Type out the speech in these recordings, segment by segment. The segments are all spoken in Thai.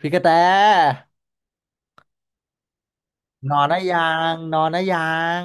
พี่กระแตนอนนะยันอนนะยัง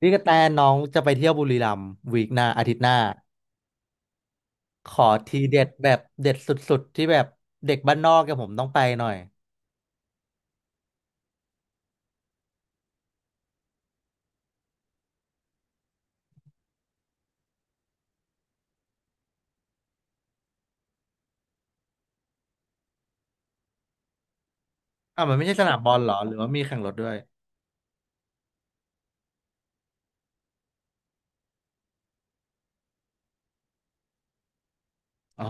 พี่กระแตน้องจะไปเที่ยวบุรีรัมย์วีคหน้าอาทิตย์หน้าขอทีเด็ดแบบเด็ดสุดๆที่แบบเด็กบ้านนอกกับผมต้องไปหน่อยอ่ะมันไม่ใช่สนามบอลเหรอหรือว่ามีแข่งรถด้วยอ๋อ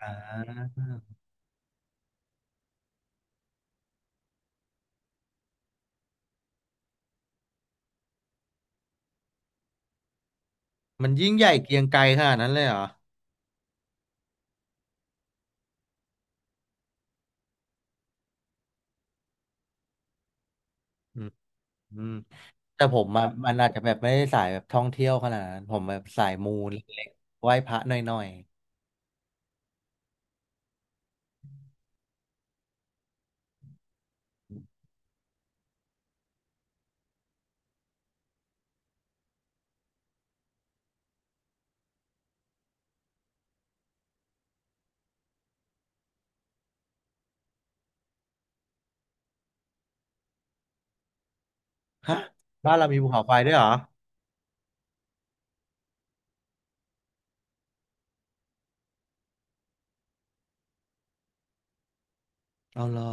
อ่ามันยิ่งใหญ่เกรียงไกรขนาดนั้นเลยเหรออืมอืมแต่ผมอ่ะมันอาจจะแบบไม่ได้สายแบบท่องเที่ยวขนาดนั้นผมแบบสายมูเล็กๆไหว้พระหน่อยๆฮะบ้านเรามีภูเขาไฟด้วยเหรอเอาเหรอ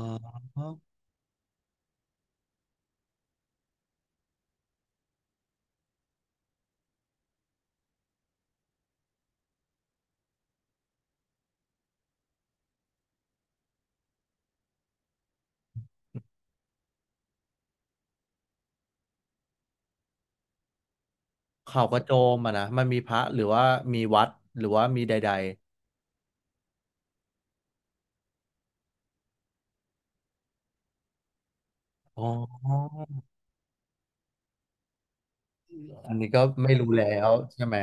เขากระโจมอะนะมันมีพระหรือว่ามีวัดหรือว่ามีใดๆอ๋ออันนี้ก็ไม่รู้แล้วใช่ไหม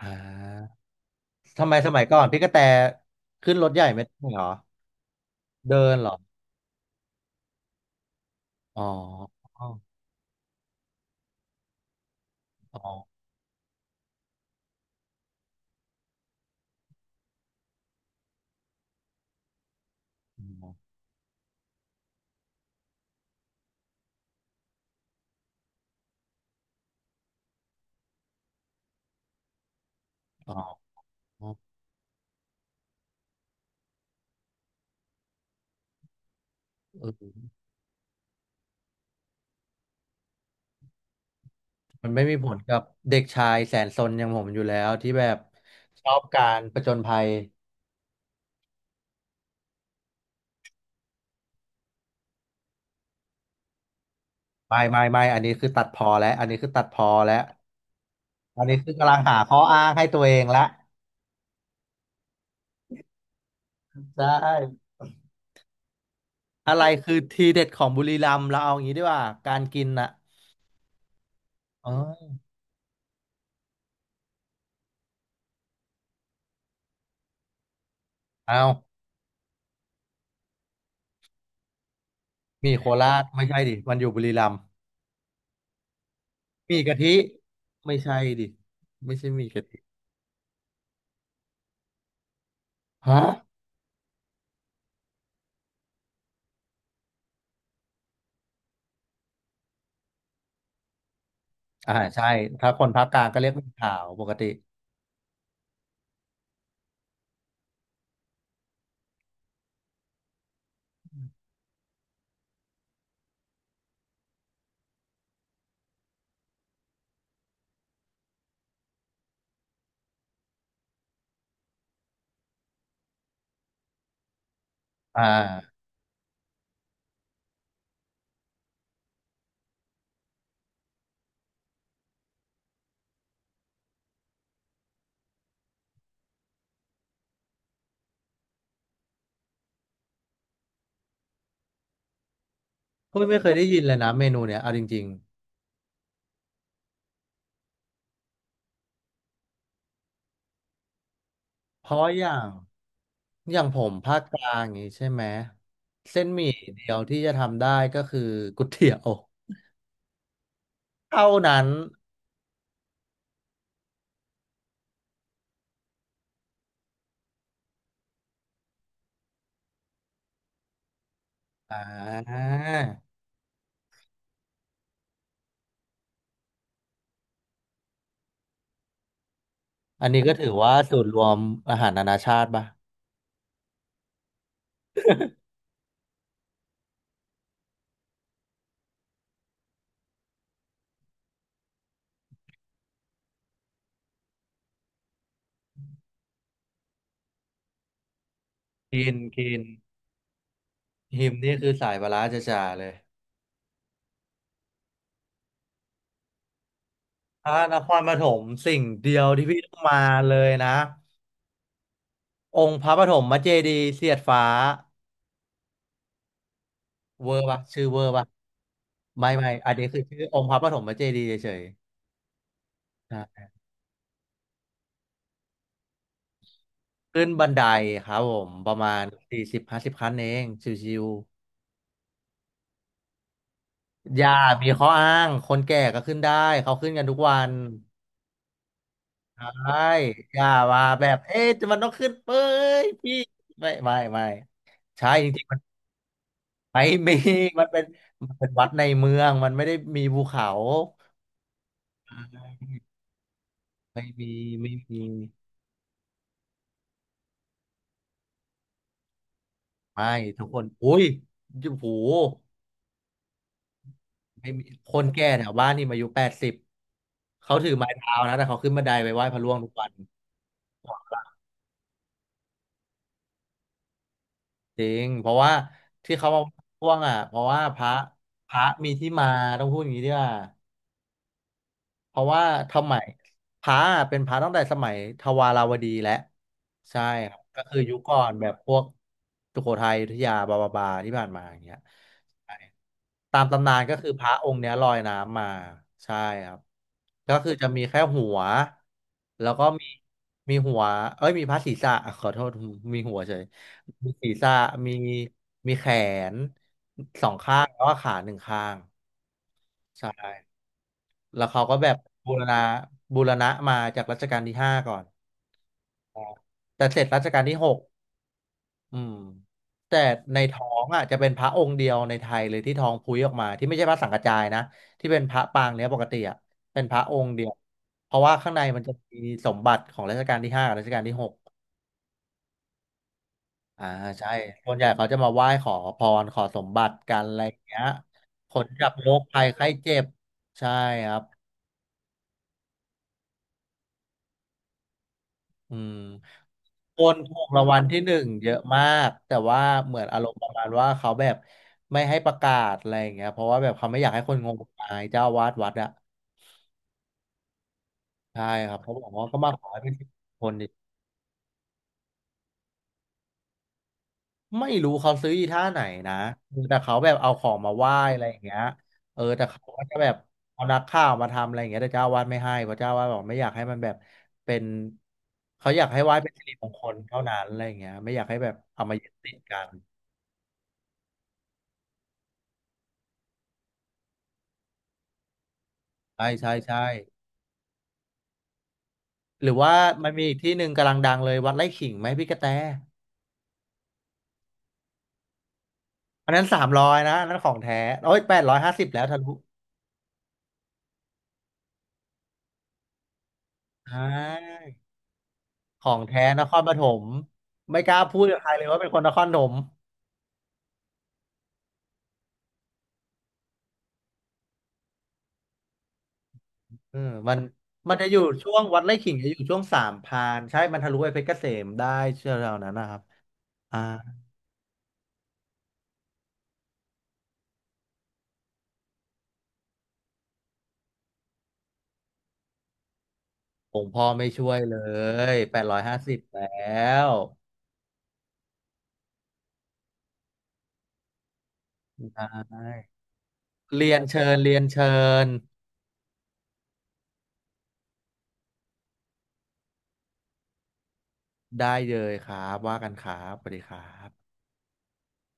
อ่าทำไมสมัยก่อนพี่กระแตขึ้นรถใหญ่ไม่ได้เหรอเดินเหรออ๋ออ๋ออ๋ออ๋อเออมันไม่มีผลกับเด็กชายแสนซนอย่างผมอยู่แล้วที่แบบชอบการผจญภัยไม่ไม่ไม่อันนี้คือตัดพอแล้วอันนี้คือตัดพอแล้วอันนี้คือกำลังหาข้ออ้างให้ตัวเองละใช่ อะไรคือทีเด็ดของบุรีรัมย์เราเอาอย่างนี้ดีกว่าการกินน่ะเออเอาหมี่โคราชไม่ใช่ดิมันอยู่บุรีรัมย์หมี่กะทิไม่ใช่ดิไม่ใช่หมี่กะทิฮะอ่าใช่ถ้าคนภาคกลางก็เรียกหมี่ขาวปกติอ่าก็ไม่เคยได้ยินเลยนะเมนูเนี้ยเอาจริงๆเพราะอย่างอย่างผมภาคกลางอย่างนี้ใช่ไหมเส้นหมี่เดียวที่จะทำได้ก็คือก๋วยเตี๋ยวเท่านั้นอ่า อันนี้ก็ถือว่าสูตรรวมอาหารนานาชาติป่ะกินกินหิมนี่คือสายปลาร้าจ๋าๆเลยถ้านครปฐมสิ่งเดียวที่พี่ต้องมาเลยนะองค์พระปฐมเจดีย์เสียดฟ้าเวอร์ป่ะชื่อเวอร์ป่ะไม่ไม่อันนี้คือชื่อองค์พระปฐมเจดีย์เฉยๆนะขึ้นบันไดครับผมประมาณ40-50 ขั้นเองชิวๆอย่ามีข้ออ้างคนแก่ก็ขึ้นได้เขาขึ้นกันทุกวัน ใช่อย่ามาแบบเอ๊ะมันต้องขึ้นเป้ยพี่ไม่ ไม่ไม่ใช่จริงๆมันไม่มีมันเป็นวัดในเมืองมันไม่ได้มีภูเขาไม่มีไม่มีไม่ทุกคนอุ้ยโอ้โหไม่มีคนแก่แถวบ้านนี่มาอายุ80เขาถือไม้เท้านะแต่เขาขึ้นบันไดไปไหว้พระร่วงทุกวันจริงเพราะว่าที่เขามาพ่วงอ่ะเพราะว่าพระพระมีที่มาต้องพูดอย่างนี้ด้วย เพราะว่าทำไมพระอะเป็นพระตั้งแต่สมัยทวาราวดีแล้วใช่ครับก็คือยุคก่อนแบบพวกสุโขทัยอยุธยาบาบาบาที่ผ่านมาอย่างเงี้ยใช่ตามตำนานก็คือพระองค์เนี้ยลอยน้ำมาใช่ครับก็คือจะมีแค่หัวแล้วก็มีมีหัวเอ้ยมีพระศีรษะขอโทษมีหัวเฉยมีศีรษะมีมีแขนสองข้างแล้วก็ขาหนึ่งข้างใช่ แล้วเขาก็แบบบูรณะบูรณะมาจากรัชกาลที่ห้าก่อนแต่เสร็จรัชกาลที่หกอืมแต่ในท้องอ่ะจะเป็นพระองค์เดียวในไทยเลยที่ท้องพุ้ยออกมาที่ไม่ใช่พระสังกระจายนะที่เป็นพระปางเนี้ยปกติอ่ะเป็นพระองค์เดียวเพราะว่าข้างในมันจะมีสมบัติของรัชกาลที่ห้ากับรัชกาลที่หกอ่าใช่ส่วนใหญ่เขาจะมาไหว้ขอพรขอสมบัติกันอะไรอย่างเงี้ยผลจากโรคภัยไข้เจ็บใช่ครับ อืมคนถูกรางวัลที่หนึ่งเยอะมากแต่ว่าเหมือนอารมณ์ประมาณว่าเขาแบบไม่ให้ประกาศอะไรอย่างเงี้ยเพราะว่าแบบเขาไม่อยากให้คนงมงายเจ้าอาวาสวัดอะใช่ครับเขาบอกว่าก็มาขอให้เป็นสิบคนดิไม่รู้เขาซื้ออีท่าไหนนะแต่เขาแบบเอาของมาไหว้อะไรอย่างเงี้ยเออแต่เขาก็จะแบบเอานักข่าวมาทำอะไรอย่างเงี้ยแต่เจ้าอาวาสไม่ให้เพราะเจ้าอาวาสบอกไม่อยากให้มันแบบเป็นเขาอยากให้ไหว้เป็นสิริมงคลเท่านั้นอะไรอย่างเงี้ยไม่อยากให้แบบเอามายึดติดกันใช่ใช่ใช่ หรือว่ามันมีอีกที่หนึ่งกำลังดังเลยวัดไร่ขิงไหมพี่กระแตอันนั้น300นะอันนั้นของแท้โอ้ยแปดร้อยห้าสิบแล้วทะลุใช่ของแท้นครปฐมไม่กล้าพูดกับใครเลยว่าเป็นคนนครปฐมเออมันมันจะอยู่ช่วงวัดไร่ขิงจะอยู่ช่วงสามพรานใช่มันทะลุไปเพชรเกษมได้เชื่อเรานั้นนะครับอ่าผมพ่อไม่ช่วยเลยแปดร้อยห้าสิบแล้วใช่เรียนเชิญเรียนเชิญได้เลยครับว่ากันครับสวัสดีครับ